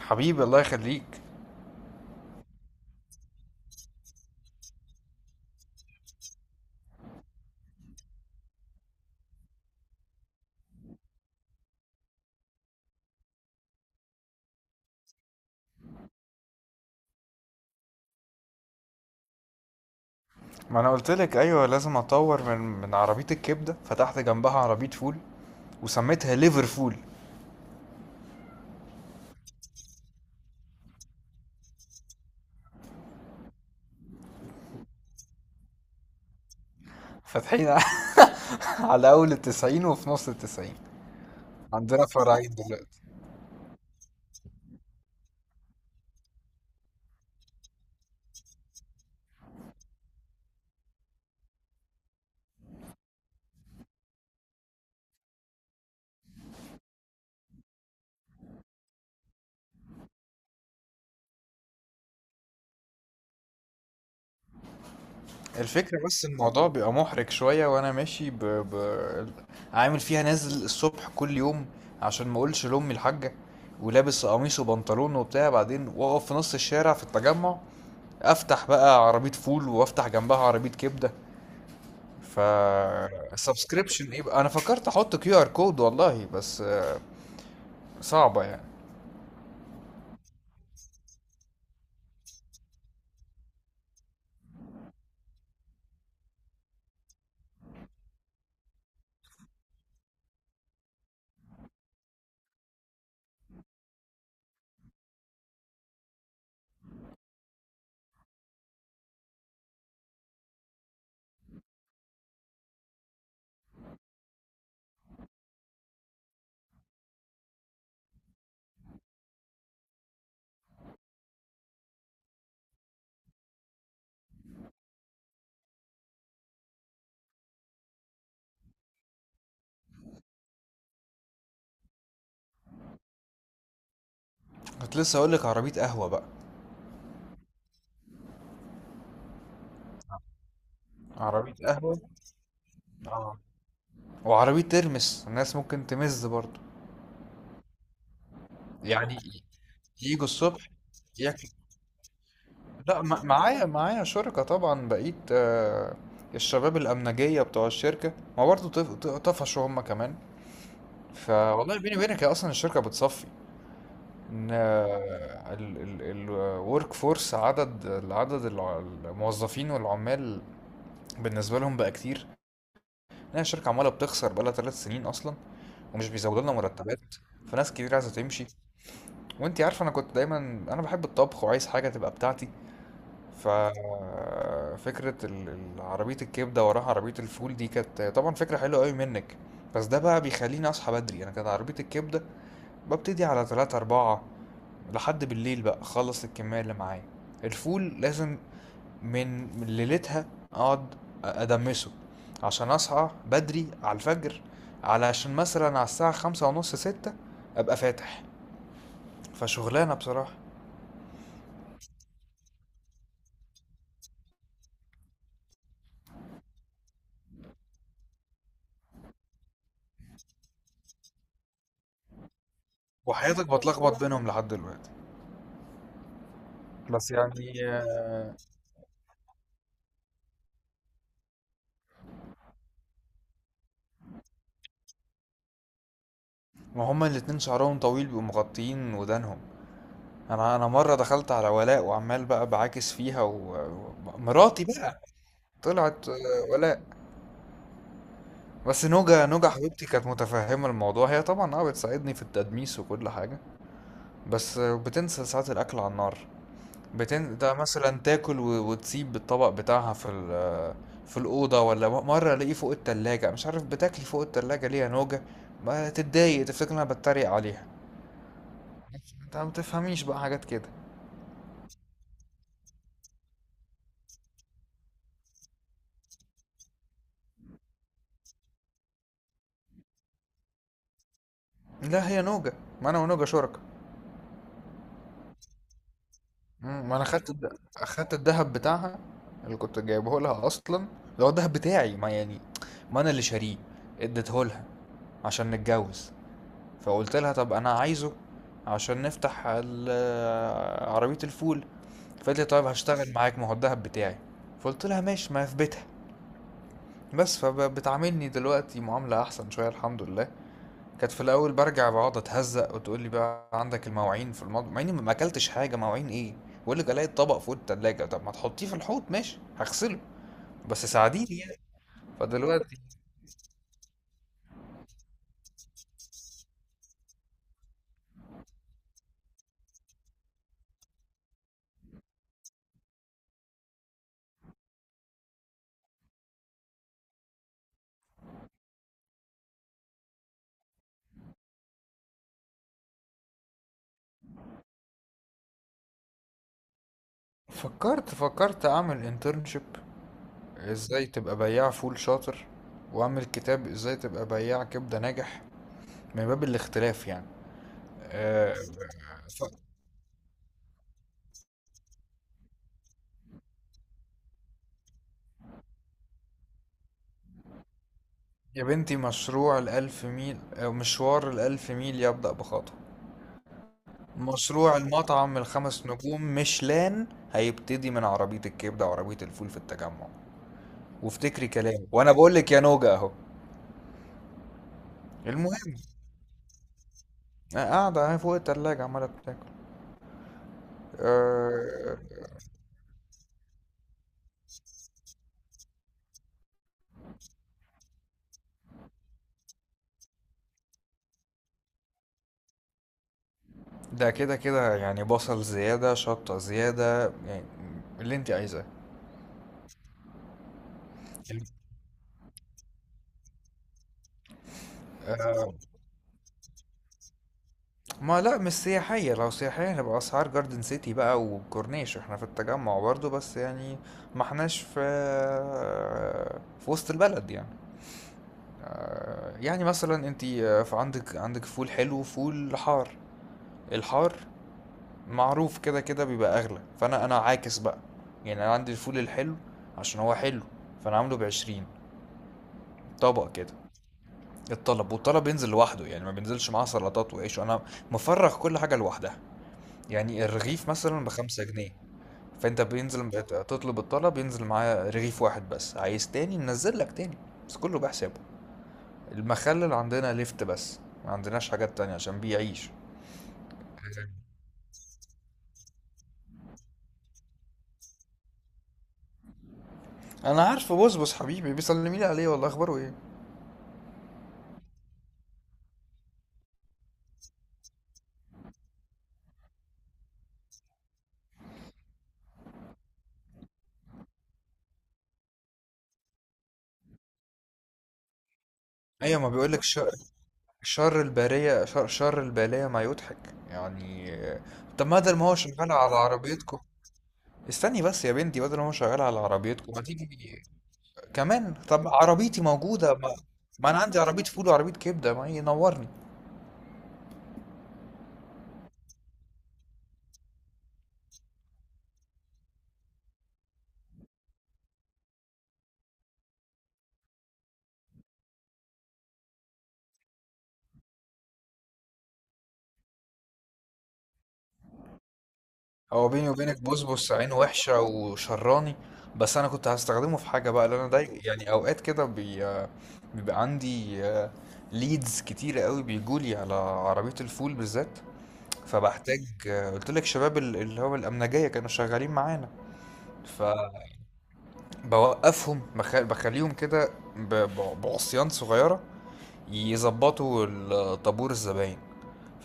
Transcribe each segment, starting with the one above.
حبيبي الله يخليك. ما انا قلت لك ايوه، لازم اطور من عربيه الكبده، فتحت جنبها عربيه فول وسميتها ليفرفول. فاتحين على اول التسعين وفي نص التسعين. عندنا فرعين دلوقتي. الفكرة بس الموضوع بيبقى محرج شوية وانا ماشي عامل فيها، نازل الصبح كل يوم عشان ما اقولش لامي الحاجة، ولابس قميص وبنطلون وبتاع، بعدين واقف في نص الشارع في التجمع افتح بقى عربية فول وافتح جنبها عربية كبدة. ف سبسكريبشن ايه بقى؟ انا فكرت احط كيو ار كود والله، بس صعبه يعني. كنت لسه اقول لك عربيه قهوه بقى. عربيه قهوه. اه. وعربيه ترمس الناس ممكن تمز برضه. يعني يجوا الصبح ياكل. لا، معايا شركه طبعا، بقيت الشباب الامنجيه بتوع الشركه ما برضه طفشوا هم كمان. فوالله بيني وبينك هي اصلا الشركه بتصفي. ان الورك فورس، عدد الموظفين والعمال بالنسبه لهم بقى كتير، لان الشركه عماله بتخسر بقى لها 3 سنين اصلا ومش بيزودوا لنا مرتبات، فناس كتير عايزه تمشي. وانتي عارفه انا كنت دايما، انا بحب الطبخ وعايز حاجه تبقى بتاعتي. ف فكره عربيه الكبده وراها عربيه الفول دي كانت طبعا فكره حلوه قوي منك، بس ده بقى بيخليني اصحى بدري. انا كانت عربيه الكبده ببتدي على تلاتة أربعة لحد بالليل بقى أخلص الكمية اللي معايا. الفول لازم من ليلتها أقعد أدمسه عشان أصحى بدري على الفجر، علشان مثلا على الساعة خمسة ونص ستة أبقى فاتح. فشغلانة بصراحة. وحياتك بتلخبط بينهم لحد دلوقتي، بس يعني ما هما الاتنين شعرهم طويل بيبقوا مغطيين ودانهم. انا مره دخلت على ولاء وعمال بقى بعاكس فيها ومراتي بقى، طلعت ولاء. بس نوجا نوجا حبيبتي كانت متفهمة الموضوع، هي طبعا اه بتساعدني في التدميس وكل حاجة. بس بتنسى ساعات الأكل على النار. ده مثلا تاكل وتسيب الطبق بتاعها في في الأوضة، ولا مرة ألاقيه فوق التلاجة. مش عارف بتاكلي فوق التلاجة ليه يا نوجا؟ ما تتضايق تفتكر إن أنا بتريق عليها. انت ما بتفهميش بقى حاجات كده. لا هي نوجا، ما أنا ونوجا شركاء. ما انا خدت الذهب بتاعها اللي كنت جايبه لها اصلا، اللي هو الذهب بتاعي ما يعني، ما انا اللي شاريه، اديته لها عشان نتجوز. فقلت لها طب انا عايزه عشان نفتح عربية الفول، فقالت لي طيب هشتغل معاك، ما هو الذهب بتاعي. فقلت لها ماشي، ما في بيتها بس. فبتعاملني دلوقتي معاملة احسن شوية الحمد لله. كانت في الاول برجع بقعد اتهزق وتقول لي بقى عندك المواعين في المطبخ، مع اني ما اكلتش حاجه. مواعين ايه؟ بقول لك الاقي الطبق فوق التلاجة، طب ما تحطيه في الحوض ماشي هغسله، بس ساعديني يعني. فدلوقتي فكرت اعمل انترنشيب، ازاي تبقى بياع فول شاطر، واعمل كتاب ازاي تبقى بياع كبده ناجح، من باب الاختلاف يعني. أه. ف- يا بنتي، مشروع الألف ميل أو مشوار الألف ميل يبدأ بخطوة. مشروع المطعم الخمس نجوم ميشلان هيبتدي من عربية الكبدة وعربية الفول في التجمع. وافتكري كلامي وانا بقول لك يا نوجة اهو. المهم، أنا قاعدة اهي فوق التلاجة عمالة بتاكل. آه، ده كده كده يعني بصل زيادة شطة زيادة يعني، اللي انت عايزاه. الم- آه، ما لا مش سياحية. لو سياحية هنبقى أسعار جاردن سيتي بقى وكورنيش. احنا في التجمع برضو، بس يعني ما احناش في في وسط البلد يعني. يعني مثلا انت في عندك فول حلو وفول حار. الحار معروف كده كده بيبقى اغلى، فانا عاكس بقى. يعني انا عندي الفول الحلو، عشان هو حلو فانا عامله بـ20 طبق كده. الطلب والطلب ينزل لوحده، يعني ما بينزلش معاه سلطات وعيش، وانا مفرغ كل حاجة لوحدها. يعني الرغيف مثلا بـ5 جنيه، فانت بينزل تطلب الطلب ينزل معاه رغيف واحد بس، عايز تاني ننزل لك تاني، بس كله بحسابه. المخلل عندنا لفت بس، ما عندناش حاجات تانية عشان بيعيش. انا عارفه بصبص حبيبي بيسلمي لي عليه والله، اخباره ايه؟ ايوه ما بيقولك شر، شر الباريه، شر، شر البلايا ما يضحك يعني. طب ما ده ما هو شغال على عربيتكم. استني بس يا بنتي، بدل ما هو شغال على عربيتكم ما تيجي كمان؟ طب عربيتي موجوده، ما انا عندي عربيه فول وعربيه كبده، ما ينورني. هو بيني وبينك بصبص عينه وحشة وشراني، بس أنا كنت هستخدمه في حاجة بقى، لأن أنا داي يعني أوقات كده بيبقى عندي ليدز كتيرة قوي بيجولي على عربية الفول بالذات، فبحتاج. قلت لك شباب اللي هو الأمنجية كانوا شغالين معانا، فبوقفهم بخليهم كده بعصيان صغيرة يظبطوا طابور الزباين.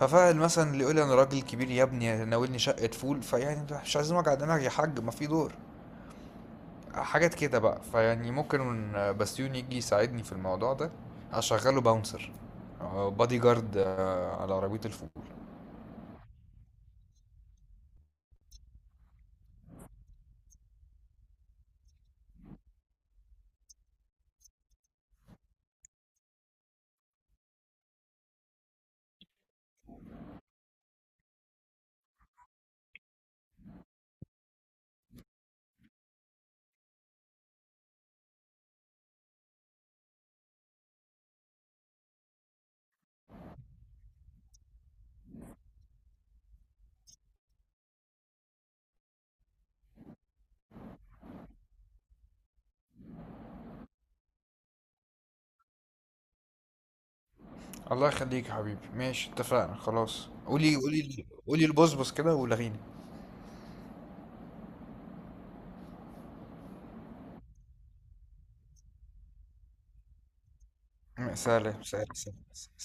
ففاعل مثلا اللي يقول لي انا راجل كبير يا ابني ناولني شقه فول، فيعني مش عايزين وجع دماغ يا حاج، ما في دور، حاجات كده بقى. فيعني ممكن بسيوني يجي يساعدني في الموضوع ده، اشغله باونسر أو بادي جارد على عربية الفول. الله يخليك يا حبيبي، ماشي اتفقنا خلاص. قولي قولي قولي البصبص كده ولغيني. سلام سلام. سلام.